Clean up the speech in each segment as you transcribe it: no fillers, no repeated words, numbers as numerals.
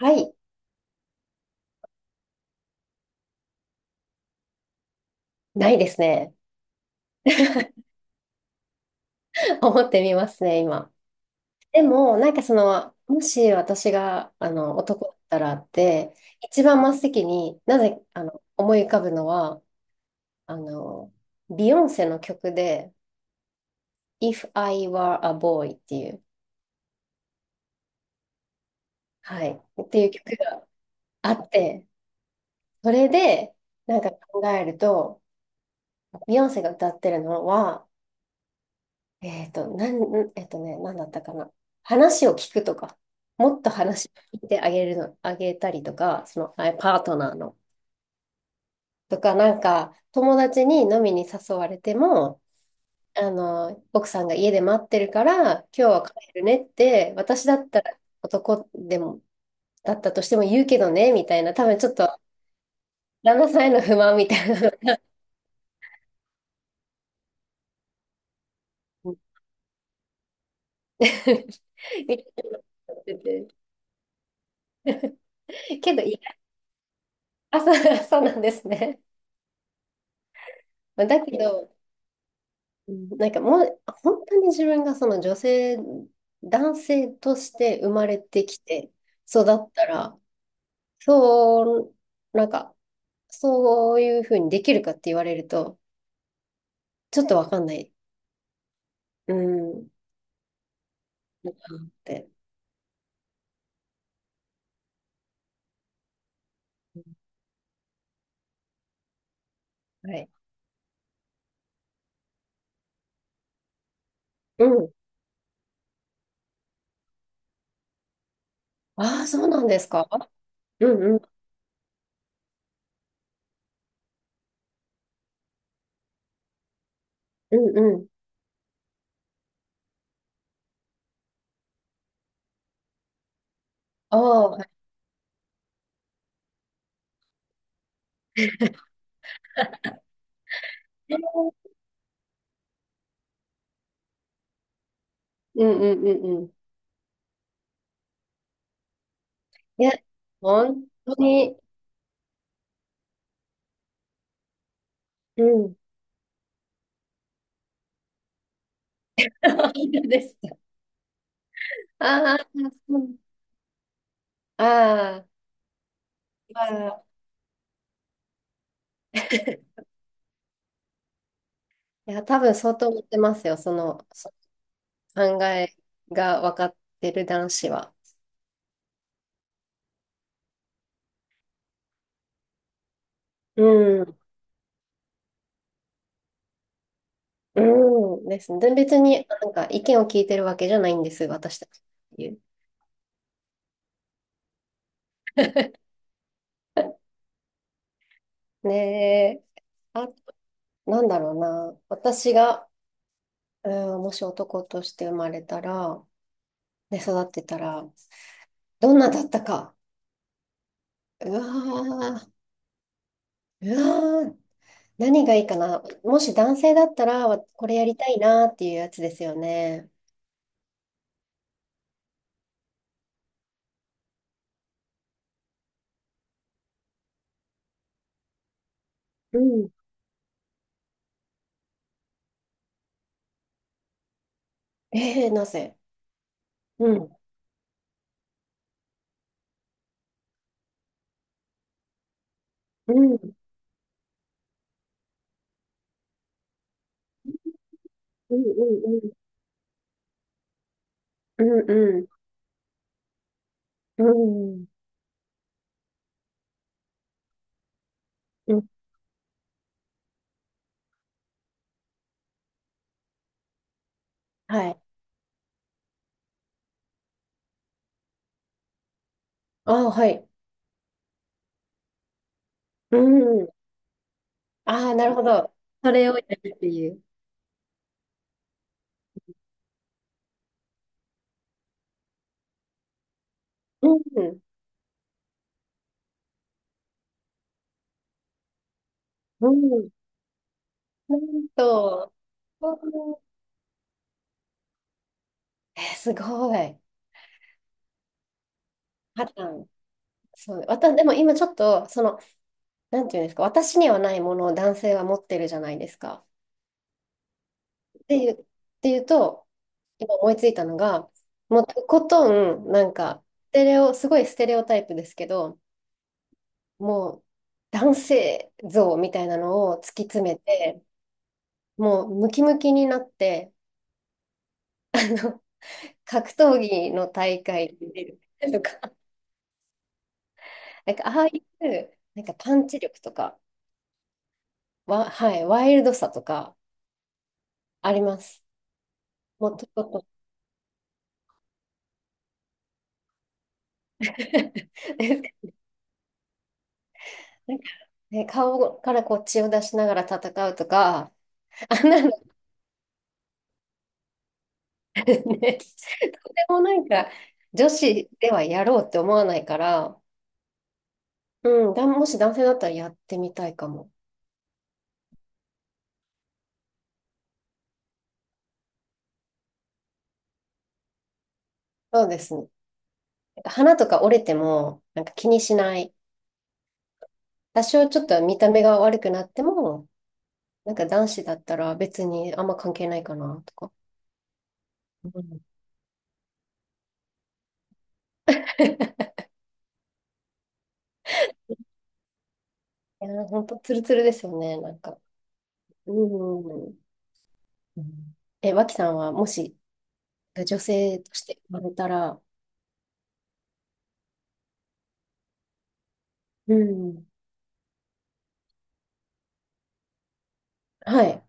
はい、ないですね。思ってみますね、今。でも、なんかその、もし私が、男だったらって、一番真っ先になぜ、思い浮かぶのは、あの、ビヨンセの曲で、If I Were a Boy っていう、はい、っていう曲があって、それで、なんか考えると、ビヨンセが歌ってるのは、えっと、なん、んえっとね、なんだったかな。話を聞くとか、もっと話聞いてあげるの、あげたりとか、その、パートナーの。とか、なんか、友達に飲みに誘われても、奥さんが家で待ってるから、今日は帰るねって、私だったら男でも、だったとしても言うけどね、みたいな、多分ちょっと、旦那さんへの不満みたいなのが 見ててけど、意外そうそうなんですね。まあだけど、うんなんかもう、本当に自分がその女性、男性として生まれてきて育ったら、そう、なんか、そういうふうにできるかって言われると、ちょっとわかんない。うん、って。はい。うん。ああ、そうなんですか。うんうん、うんうん。ああ、はい。うんうんうんうん。いや、本当に、うん。いいです。ああ、そう。ああ。ああいや、多分相当持ってますよ、その、考えが分かってる男子は。うん、うんですね。で別になんか意見を聞いてるわけじゃないんです、私たちっていう。ねえ、あ、なんだろうな。私が、うん、もし男として生まれたら、で、育ってたら、どんなだったか。うわー、うわー、何がいいかな。もし男性だったら、これやりたいなっていうやつですよね。うん。えー、なぜうん、うん、うん、うん、うん、うん、うん、うんうん、はい。ああ、はい。うん。ああ、なるほど。それをやるっていう。うん、うん。なんと、うんえー、すごい。パターン。そう。でも今ちょっと、その、なんていうんですか、私にはないものを男性は持ってるじゃないですか。っていうと、今思いついたのが、もうとことん、なんか、ステレオ、すごいステレオタイプですけど、もう男性像みたいなのを突き詰めて、もうムキムキになって、あの格闘技の大会に出るとか、なんかああいう、なんかパンチ力とか、はい、ワイルドさとかあります。もっと、もっと なんかね、顔からこう血を出しながら戦うとか、あんなのね、とてもなんか女子ではやろうって思わないから、うん、もし男性だったらやってみたいかも。そうですね。花とか折れても、なんか気にしない。多少ちょっと見た目が悪くなっても、なんか男子だったら別にあんま関係ないかな、とか。うん、いやー、ほんとツルツルですよね、なんか。うん。うん脇さんはもし女性として生まれたら、うん。はい。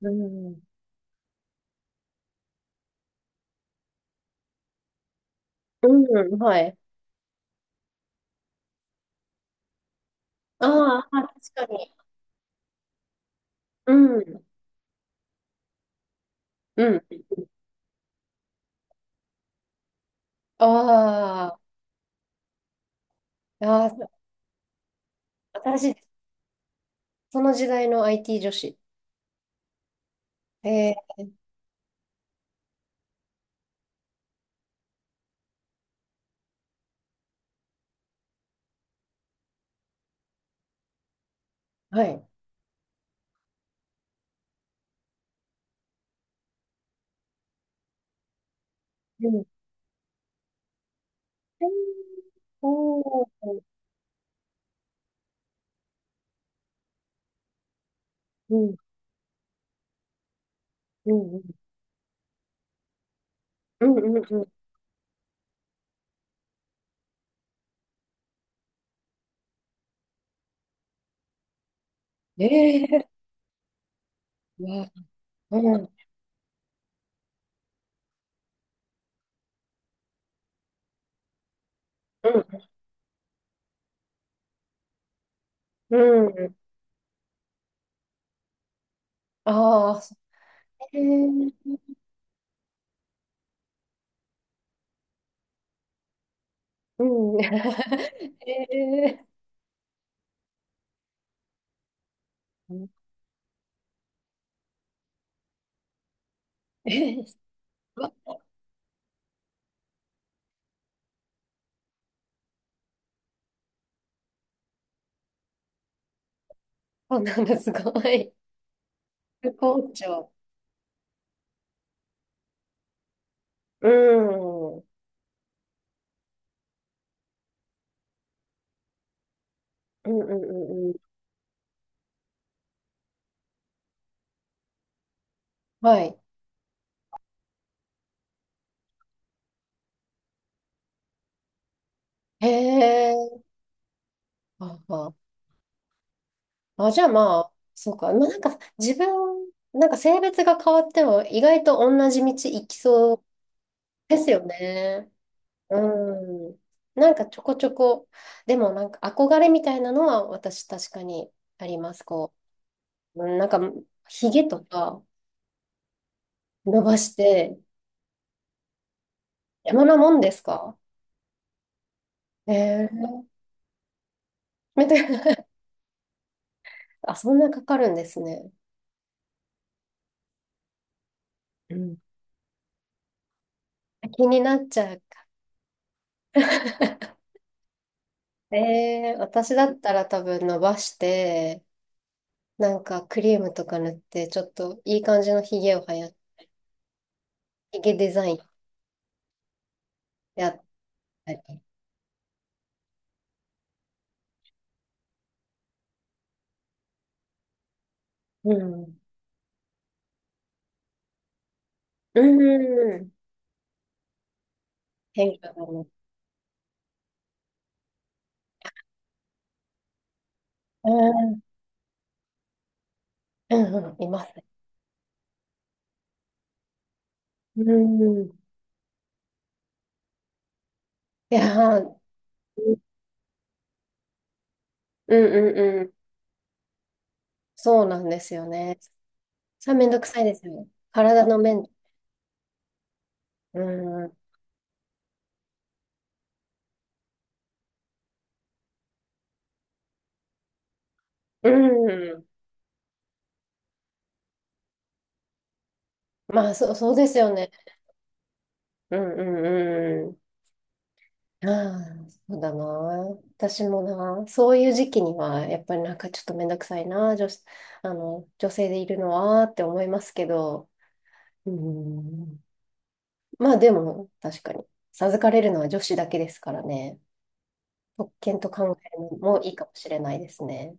うんうん、はい。ああ、確かに。うん、うん。ああ、ああ、新しいです。その時代の IT 女子。えー、はい。うん。えーおー、うん、うん、うん、うん、うん。うんええわうん、うん、うん。ああ、それ、うん。ええうんえー、わあなんかすごい。副校長。うん、うん、うん、うん。うんはい。へえ、あ、あ、あ、じゃあまあ、そうか。まあ、なんか、自分、なんか性別が変わっても、意外と同じ道行きそうですよね。うん。なんかちょこちょこ、でもなんか憧れみたいなのは私確かにあります。こう、うんなんかひげとか伸ばして、山なもんですかえー、み あ、そんなかかるんですね。うん。気になっちゃうか。えー、私だったら多分伸ばして、なんかクリームとか塗って、ちょっといい感じのひげをはや、ひげデザインやったり。うん。うん。変化がねうんうんうん いますね。うん。いやー、うんうんうん。そうなんですよね。さ、めんどくさいですよね。体の面。うん。うん。まあ、そう、そうですよね。うんうんうん。ああ、そうだな。私もな。そういう時期には、やっぱりなんかちょっとめんどくさいな。女子、女性でいるのはって思いますけど。うん。まあ、でも、確かに。授かれるのは女子だけですからね。特権と考えるのもいいかもしれないですね。